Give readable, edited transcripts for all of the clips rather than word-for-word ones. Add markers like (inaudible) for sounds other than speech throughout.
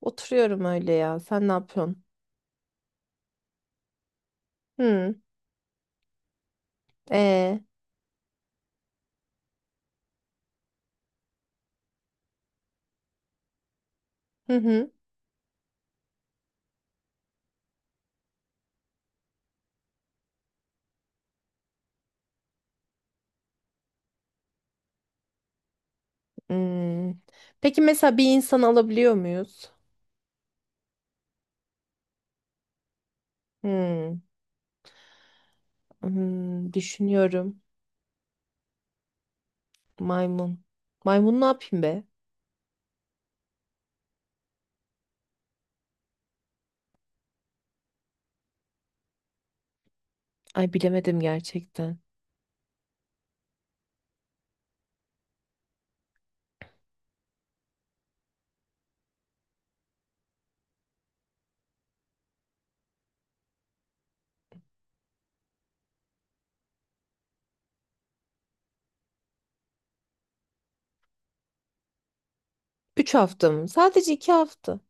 Oturuyorum öyle ya. Sen ne yapıyorsun? Hı. E. Hı hı. Hmm. Peki mesela bir insan alabiliyor muyuz? Hmm. Hmm. Düşünüyorum. Maymun. Maymun ne yapayım be? Ay bilemedim gerçekten. 3 hafta mı? Sadece 2 hafta.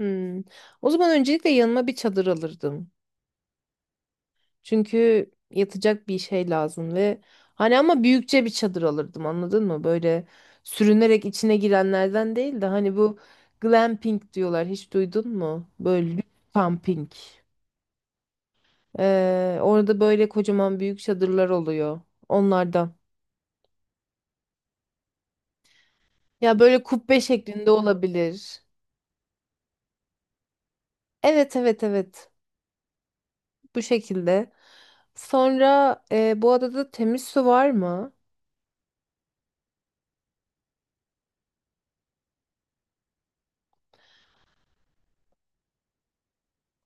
Hmm. O zaman öncelikle yanıma bir çadır alırdım. Çünkü yatacak bir şey lazım ve hani ama büyükçe bir çadır alırdım, anladın mı? Böyle sürünerek içine girenlerden değil de hani bu glamping diyorlar, hiç duydun mu? Böyle lüks camping. Orada böyle kocaman büyük çadırlar oluyor onlardan. Ya böyle kubbe şeklinde olabilir. Evet evet evet, bu şekilde. Sonra bu adada temiz su var mı?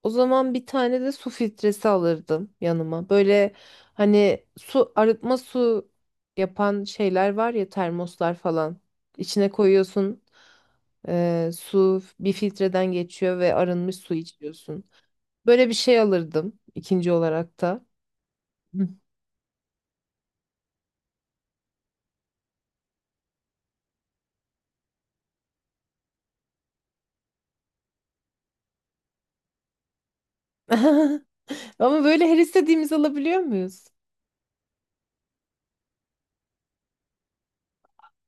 O zaman bir tane de su filtresi alırdım yanıma. Böyle hani su arıtma, su yapan şeyler var ya, termoslar falan. İçine koyuyorsun su bir filtreden geçiyor ve arınmış su içiyorsun. Böyle bir şey alırdım ikinci olarak da. Hı. (laughs) Ama böyle her istediğimizi alabiliyor muyuz?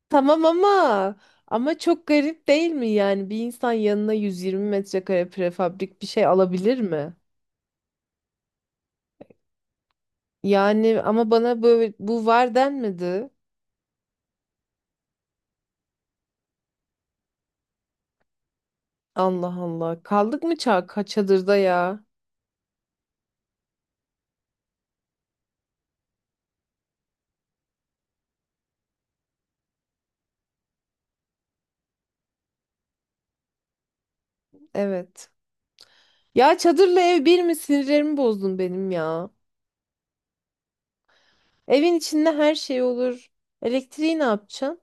Tamam ama ama çok garip değil mi, yani bir insan yanına 120 metrekare prefabrik bir şey alabilir mi? Yani ama bana böyle bu var denmedi. Allah Allah. Kaldık mı çadırda ya? Evet. Ya çadırla ev bir mi? Sinirlerimi bozdun benim ya. Evin içinde her şey olur. Elektriği ne yapacaksın?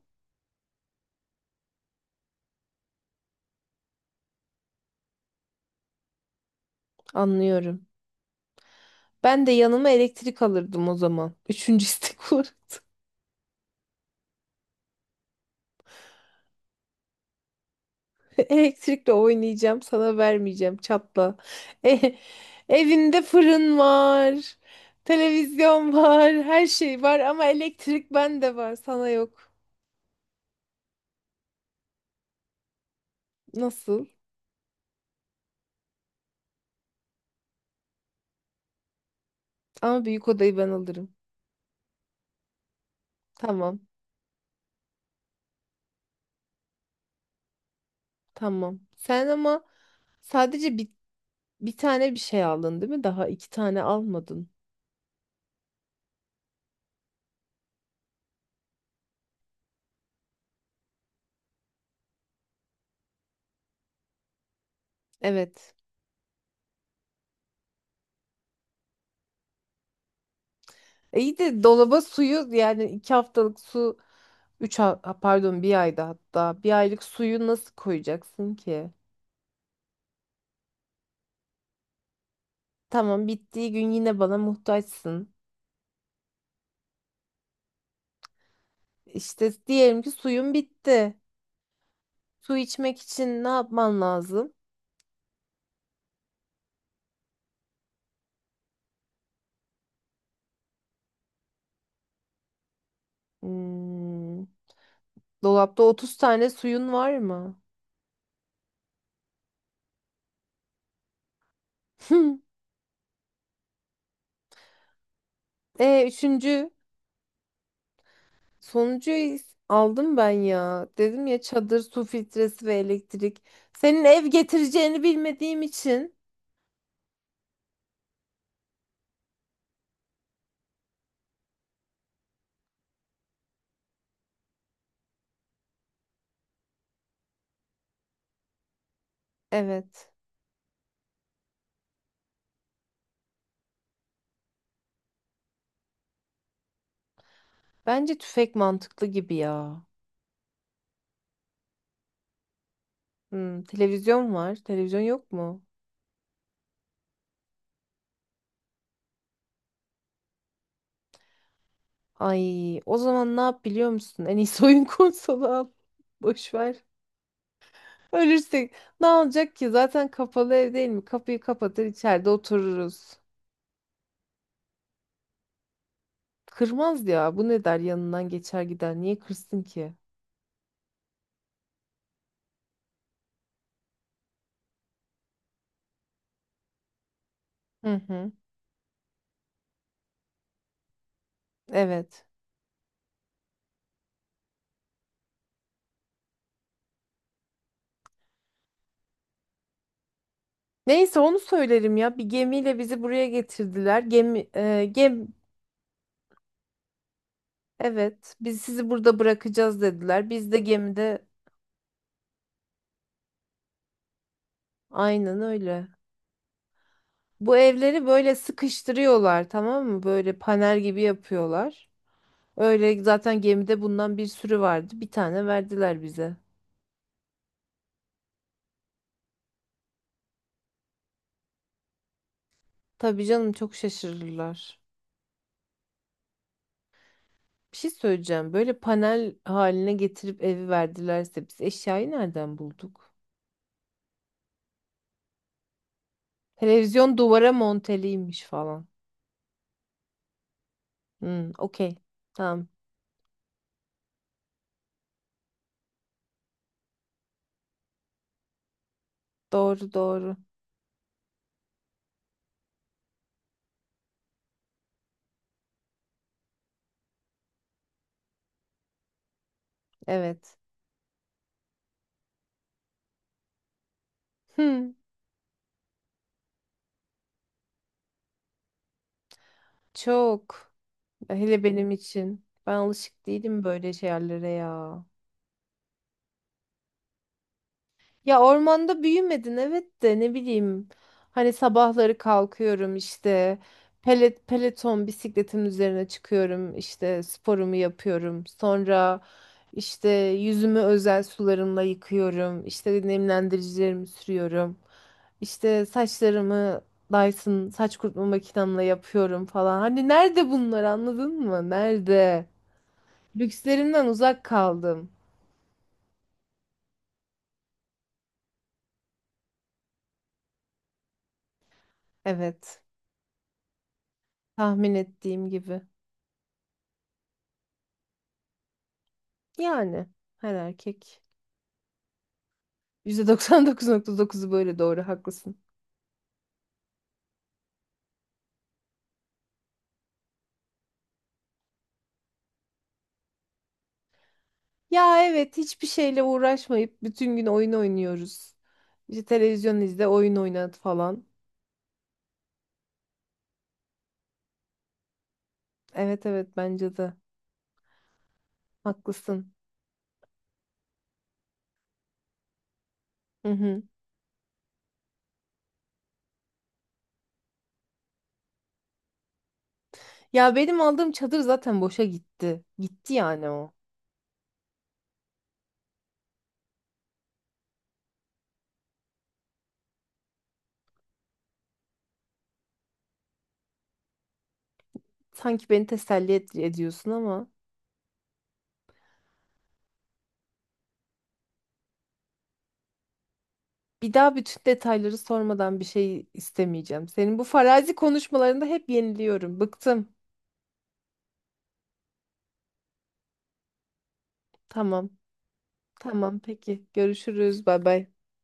Anlıyorum. Ben de yanıma elektrik alırdım o zaman. (laughs) Üçüncü istek olur. (laughs) Elektrikle oynayacağım, sana vermeyeceğim. Çatla. E- Evinde fırın var. Televizyon var. Her şey var ama elektrik bende var, sana yok. Nasıl? Ama büyük odayı ben alırım. Tamam. Tamam. Sen ama sadece bir, bir tane bir şey aldın değil mi? Daha iki tane almadın. Evet. İyi de dolaba suyu, yani 2 haftalık su ha, pardon, bir ayda hatta bir aylık suyu nasıl koyacaksın ki? Tamam, bittiği gün yine bana muhtaçsın. İşte diyelim ki suyun bitti. Su içmek için ne yapman lazım? Hmm. Dolapta 30 tane suyun var mı? (laughs) Üçüncü sonucu aldım ben ya. Dedim ya, çadır, su filtresi ve elektrik. Senin ev getireceğini bilmediğim için. Evet. Bence tüfek mantıklı gibi ya. Hmm, televizyon var. Televizyon yok mu? Ay, o zaman ne yap biliyor musun? En iyisi oyun (laughs) konsolu al. Boş ver. Ölürsek ne olacak ki? Zaten kapalı ev değil mi? Kapıyı kapatır, içeride otururuz. Kırmaz ya. Bu ne der, yanından geçer gider. Niye kırsın ki? Hı hı. Evet. Neyse, onu söylerim ya. Bir gemiyle bizi buraya getirdiler. Gemi, evet. Biz sizi burada bırakacağız dediler. Biz de gemide aynen öyle. Bu evleri böyle sıkıştırıyorlar, tamam mı? Böyle panel gibi yapıyorlar. Öyle zaten, gemide bundan bir sürü vardı. Bir tane verdiler bize. Tabii canım, çok şaşırırlar. Bir şey söyleyeceğim. Böyle panel haline getirip evi verdilerse biz eşyayı nereden bulduk? Televizyon duvara monteliymiş falan. Hmm, okey. Tamam. Doğru doğru. Evet. Hmm, çok. Hele benim için. Ben alışık değilim böyle şeylere ya. Ya ormanda büyümedin, evet, de ne bileyim. Hani sabahları kalkıyorum işte peloton bisikletin üzerine çıkıyorum, işte sporumu yapıyorum. Sonra işte yüzümü özel sularımla yıkıyorum. İşte nemlendiricilerimi sürüyorum. İşte saçlarımı Dyson saç kurutma makinemle yapıyorum falan. Hani nerede bunlar, anladın mı? Nerede? Lükslerimden uzak kaldım. Evet, tahmin ettiğim gibi. Yani her erkek. %99,9'u böyle, doğru, haklısın. Ya evet, hiçbir şeyle uğraşmayıp bütün gün oyun oynuyoruz. İşte televizyon izle, oyun oynat falan. Evet evet, bence de haklısın. Hı hı. Ya benim aldığım çadır zaten boşa gitti. Gitti yani o. Sanki beni teselli ediyorsun ama bir daha bütün detayları sormadan bir şey istemeyeceğim. Senin bu farazi konuşmalarında hep yeniliyorum. Bıktım. Tamam. Tamam peki. Görüşürüz. Bay bay.